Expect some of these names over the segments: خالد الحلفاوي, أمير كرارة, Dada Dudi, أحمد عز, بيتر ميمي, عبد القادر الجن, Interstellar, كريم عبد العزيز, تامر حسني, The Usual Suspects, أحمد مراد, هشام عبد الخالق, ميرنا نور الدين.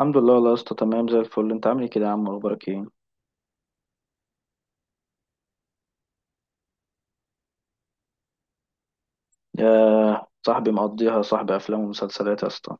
الحمد لله والله يا اسطى تمام زي الفل، انت عامل ايه كده يا عم؟ اخبارك ايه؟ يا صاحبي مقضيها صاحبي، افلام ومسلسلات يا اسطى.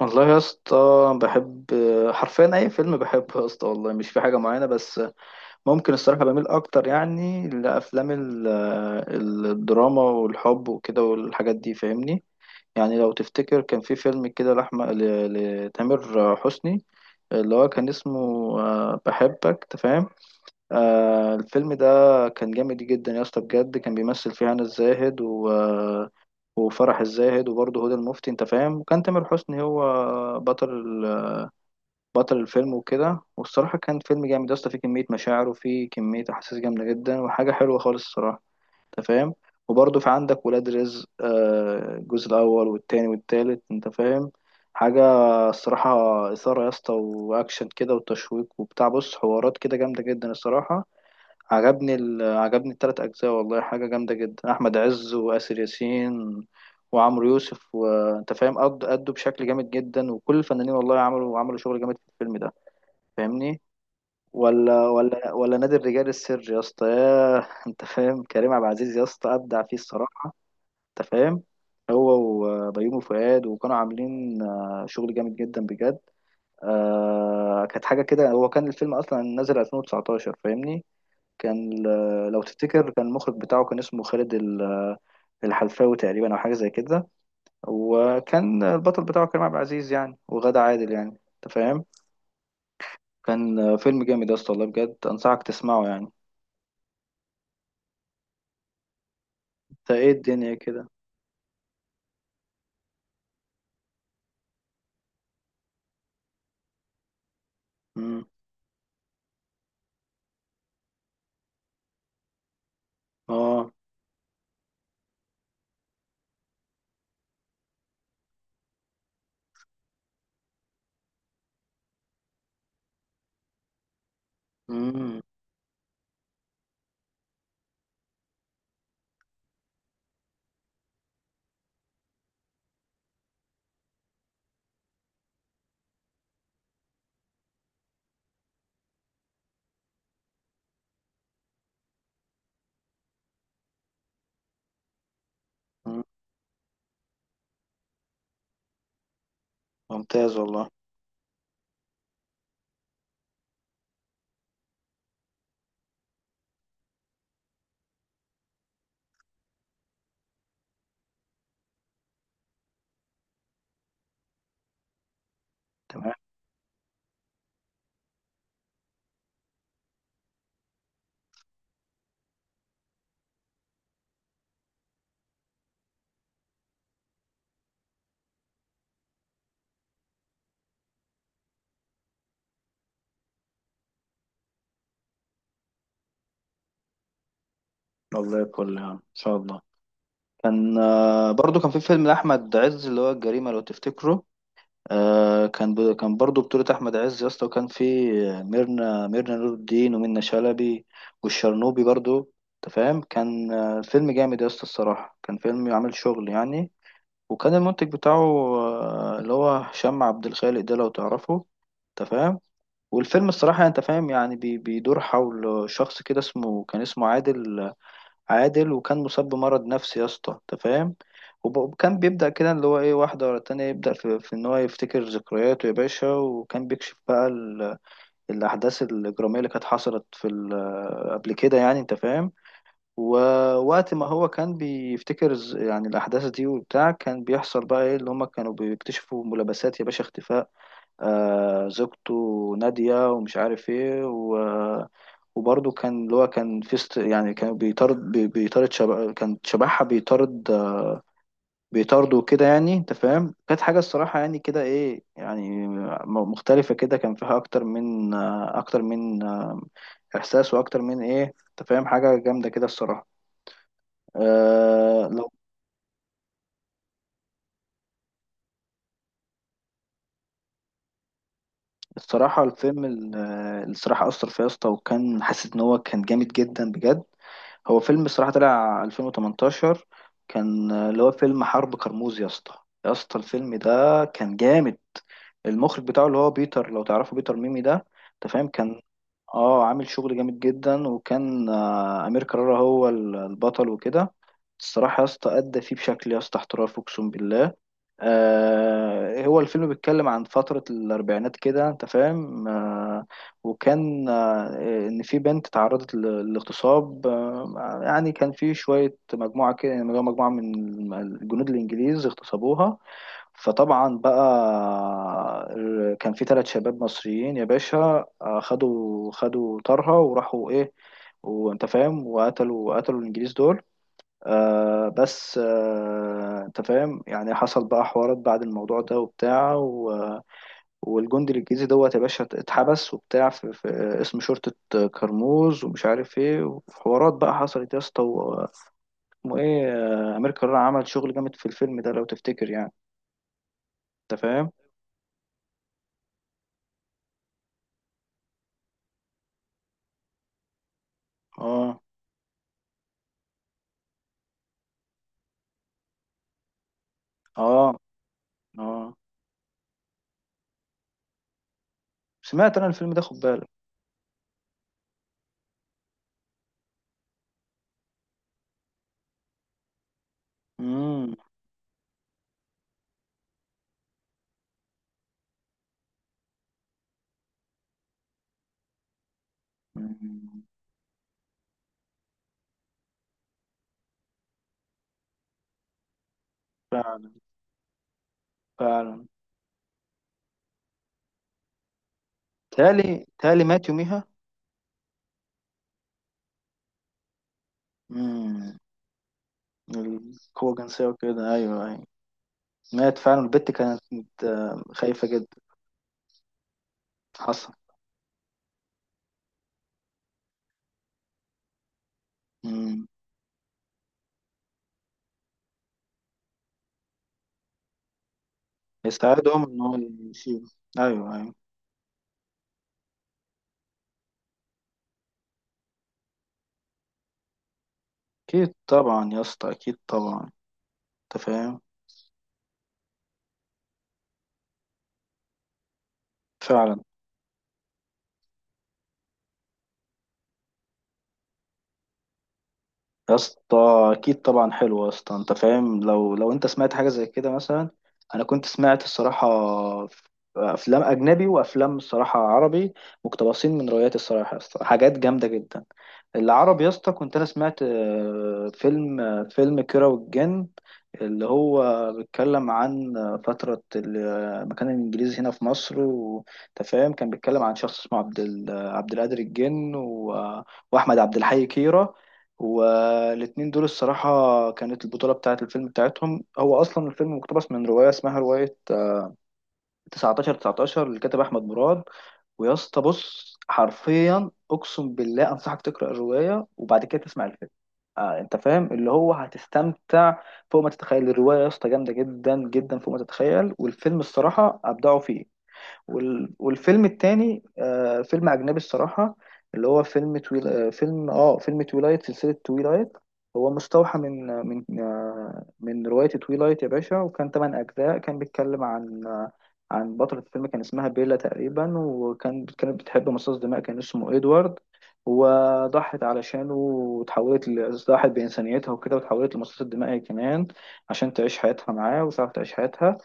والله يا اسطى بحب حرفيا اي فيلم، بحبه يا اسطى والله، مش في حاجه معينه. بس ممكن الصراحه بميل اكتر يعني لافلام الدراما والحب وكده والحاجات دي، فاهمني؟ يعني لو تفتكر كان في فيلم كده لأحمد لتامر حسني، اللي هو كان اسمه بحبك تفهم. آه، الفيلم ده كان جامد جدا يا اسطى بجد، كان بيمثل فيه هنا الزاهد و... آه، وفرح الزاهد وبرضه هدى المفتي، انت فاهم؟ وكان تامر حسني هو بطل ال... بطل الفيلم وكده. والصراحة كان فيلم جامد يا اسطى، فيه كمية مشاعر وفيه كمية أحاسيس جامدة جدا، وحاجة حلوة خالص الصراحة، انت فاهم؟ وبرضه في عندك ولاد رزق، آه الجزء الأول والتاني والتالت، انت فاهم؟ حاجة الصراحة إثارة يا اسطى وأكشن كده وتشويق وبتاع، بص حوارات كده جامدة جدا الصراحة. عجبني التلات أجزاء والله، حاجة جامدة جدا. أحمد عز وآسر ياسين وعمرو يوسف، وأنت فاهم قد أدوا بشكل جامد جدا، وكل الفنانين والله عملوا شغل جامد في الفيلم ده، فاهمني؟ ولا نادي الرجال السر يا اسطى، ياه أنت فاهم؟ كريم عبد العزيز يا اسطى أبدع فيه الصراحة، أنت فاهم؟ هو وبيومي فؤاد، وكانوا عاملين شغل جامد جدا بجد. آه كانت حاجة كده، هو كان الفيلم أصلا نازل 2019 فاهمني. كان لو تفتكر كان المخرج بتاعه كان اسمه خالد الحلفاوي تقريبا او حاجه زي كده، وكان البطل بتاعه كريم عبد العزيز يعني وغادة عادل يعني، انت فاهم؟ كان فيلم جامد يا اسطى والله بجد، انصحك تسمعه يعني. انت ايه الدنيا كده؟ امم. اه. امم. أمم. ممتاز والله. تمام والله، كل يعني ان شاء الله. كان برضو كان في فيلم لاحمد عز اللي هو الجريمه، لو تفتكره. آه، كان كان برضو بطولة أحمد عز يا اسطى، وكان في ميرنا نور الدين ومنة شلبي والشرنوبي برضو، أنت فاهم؟ كان فيلم جامد يا اسطى الصراحة، كان فيلم عامل شغل يعني. وكان المنتج بتاعه اللي هو هشام عبد الخالق ده، لو تعرفه، أنت فاهم؟ والفيلم الصراحة أنت فاهم يعني بيدور حول شخص كده اسمه كان اسمه عادل. وكان مصاب بمرض نفسي يا اسطى، انت فاهم؟ وكان بيبدأ كده اللي هو ايه، واحدة ورا التانية يبدأ في ان هو يفتكر ذكرياته يا باشا، وكان بيكشف بقى الأحداث الإجرامية اللي كانت حصلت في قبل كده يعني، انت فاهم؟ ووقت ما هو كان بيفتكر يعني الأحداث دي وبتاع، كان بيحصل بقى ايه، اللي هما كانوا بيكتشفوا ملابسات يا باشا، اختفاء زوجته نادية ومش عارف ايه، وبرضه كان اللي هو كان في يعني كان بيطارد بي- بيطارد شب... كان شبحها بيطارد بيطارده كده، يعني انت فاهم؟ كانت حاجة الصراحة يعني كده ايه، يعني مختلفة كده، كان فيها اكتر من اكتر من احساس، واكتر من ايه، انت فاهم؟ حاجة جامدة كده الصراحة. الصراحة الصراحة أثر فيا يا اسطى، وكان حاسس إن هو كان جامد جدا بجد. هو فيلم الصراحة طلع 2018، كان اللي هو فيلم حرب كرموز يا اسطى. يا اسطى الفيلم ده كان جامد. المخرج بتاعه اللي هو بيتر، لو تعرفه بيتر ميمي ده، أنت فاهم؟ كان اه عامل شغل جامد جدا، وكان أمير كرارة هو البطل وكده. الصراحة يا اسطى أدى فيه بشكل يا اسطى احترافي أقسم بالله. آه، هو الفيلم بيتكلم عن فترة الأربعينات كده، أنت فاهم؟ وكان إن في بنت تعرضت للاغتصاب، يعني كان في شوية مجموعة كده، يعني مجموعة من الجنود الإنجليز اغتصبوها. فطبعا بقى كان في ثلاث شباب مصريين يا باشا، خدوا طارها وراحوا إيه، وأنت فاهم وقتلوا الإنجليز دول. آه بس آه انت فاهم، يعني حصل بقى حوارات بعد الموضوع ده وبتاع والجندي الانجليزي دوت يا باشا اتحبس وبتاع في اسم شرطة كرموز ومش عارف ايه، وحوارات بقى حصلت يا اسطى اسمه ايه، امير كرارة عمل شغل جامد في الفيلم ده لو تفتكر يعني، انت فاهم؟ اه. اه. اه. سمعت انا الفيلم ده، خد بالك. امم. أمم. فعلا. فعلا. تالي تالي مات. يوميها. القوة الجنسية وكده، أيوه أيوه. مات فعلا، البت كانت خايفة جدا. حصل. مم. يساعدهم إن هو يشيله، أيوه أيوه. أكيد طبعا يا اسطى، أكيد طبعا، أنت فاهم؟ فعلا. يا اسطى أكيد طبعا. حلو يا اسطى، أنت فاهم، لو أنت سمعت حاجة زي كده مثلا. أنا كنت سمعت الصراحة، ف- أفلام أجنبي وأفلام الصراحة عربي مقتبسين من روايات الصراحة يا اسطى، حاجات جامدة جدا. العربي يا اسطى كنت انا سمعت فيلم فيلم كيرة والجن، اللي هو بيتكلم عن فترة ما كان الانجليزي هنا في مصر، وانت فاهم كان بيتكلم عن شخص اسمه عبد القادر الجن واحمد عبد الحي كيرة. والاتنين دول الصراحة كانت البطولة بتاعة الفيلم بتاعتهم. هو أصلا الفيلم مقتبس من رواية اسمها رواية 19 19 اللي كتب أحمد مراد. ويا اسطى بص حرفيا اقسم بالله انصحك تقرا الروايه، وبعد كده تسمع الفيلم، آه انت فاهم؟ اللي هو هتستمتع فوق ما تتخيل. الروايه يا اسطى جامده جدا جدا فوق ما تتخيل، والفيلم الصراحه ابدعوا فيه. والفيلم التاني آه فيلم أجنبي الصراحة، اللي هو فيلم تويلايت، سلسلة تويلايت. هو مستوحى من رواية تويلايت يا باشا، وكان تمن أجزاء. كان بيتكلم عن آه عن بطلة الفيلم كان اسمها بيلا تقريبا، وكان كانت بتحب مصاص دماء كان اسمه إدوارد. وضحت علشانه وتحولت ضحت بإنسانيتها وكده، وتحولت لمصاص الدماء هي كمان، عشان تعيش حياتها معاه وتعرف تعيش حياتها.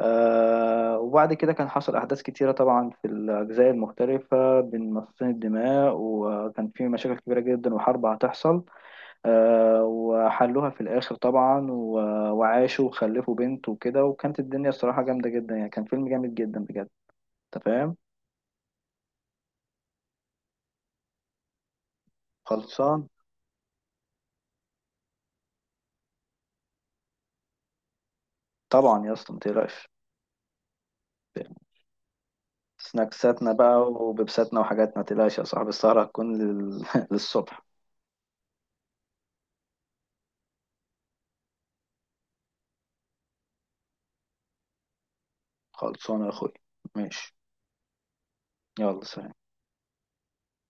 آه، وبعد كده كان حصل أحداث كتيرة طبعا في الأجزاء المختلفة بين مصاصين الدماء، وكان في مشاكل كبيرة جدا وحرب هتحصل. آه، وحلوها في الآخر طبعا وعاشوا وخلفوا بنت وكده، وكانت الدنيا الصراحة جامدة جدا يعني، كان فيلم جامد جدا بجد. أنت فاهم؟ خلصان. طبعا يا اسطى متقلقش. سناكساتنا بقى وبيبساتنا وحاجاتنا، متقلقش يا صاحبي، السهرة هتكون للصبح. خلصانة يا أخوي. ماشي. يلا سلام.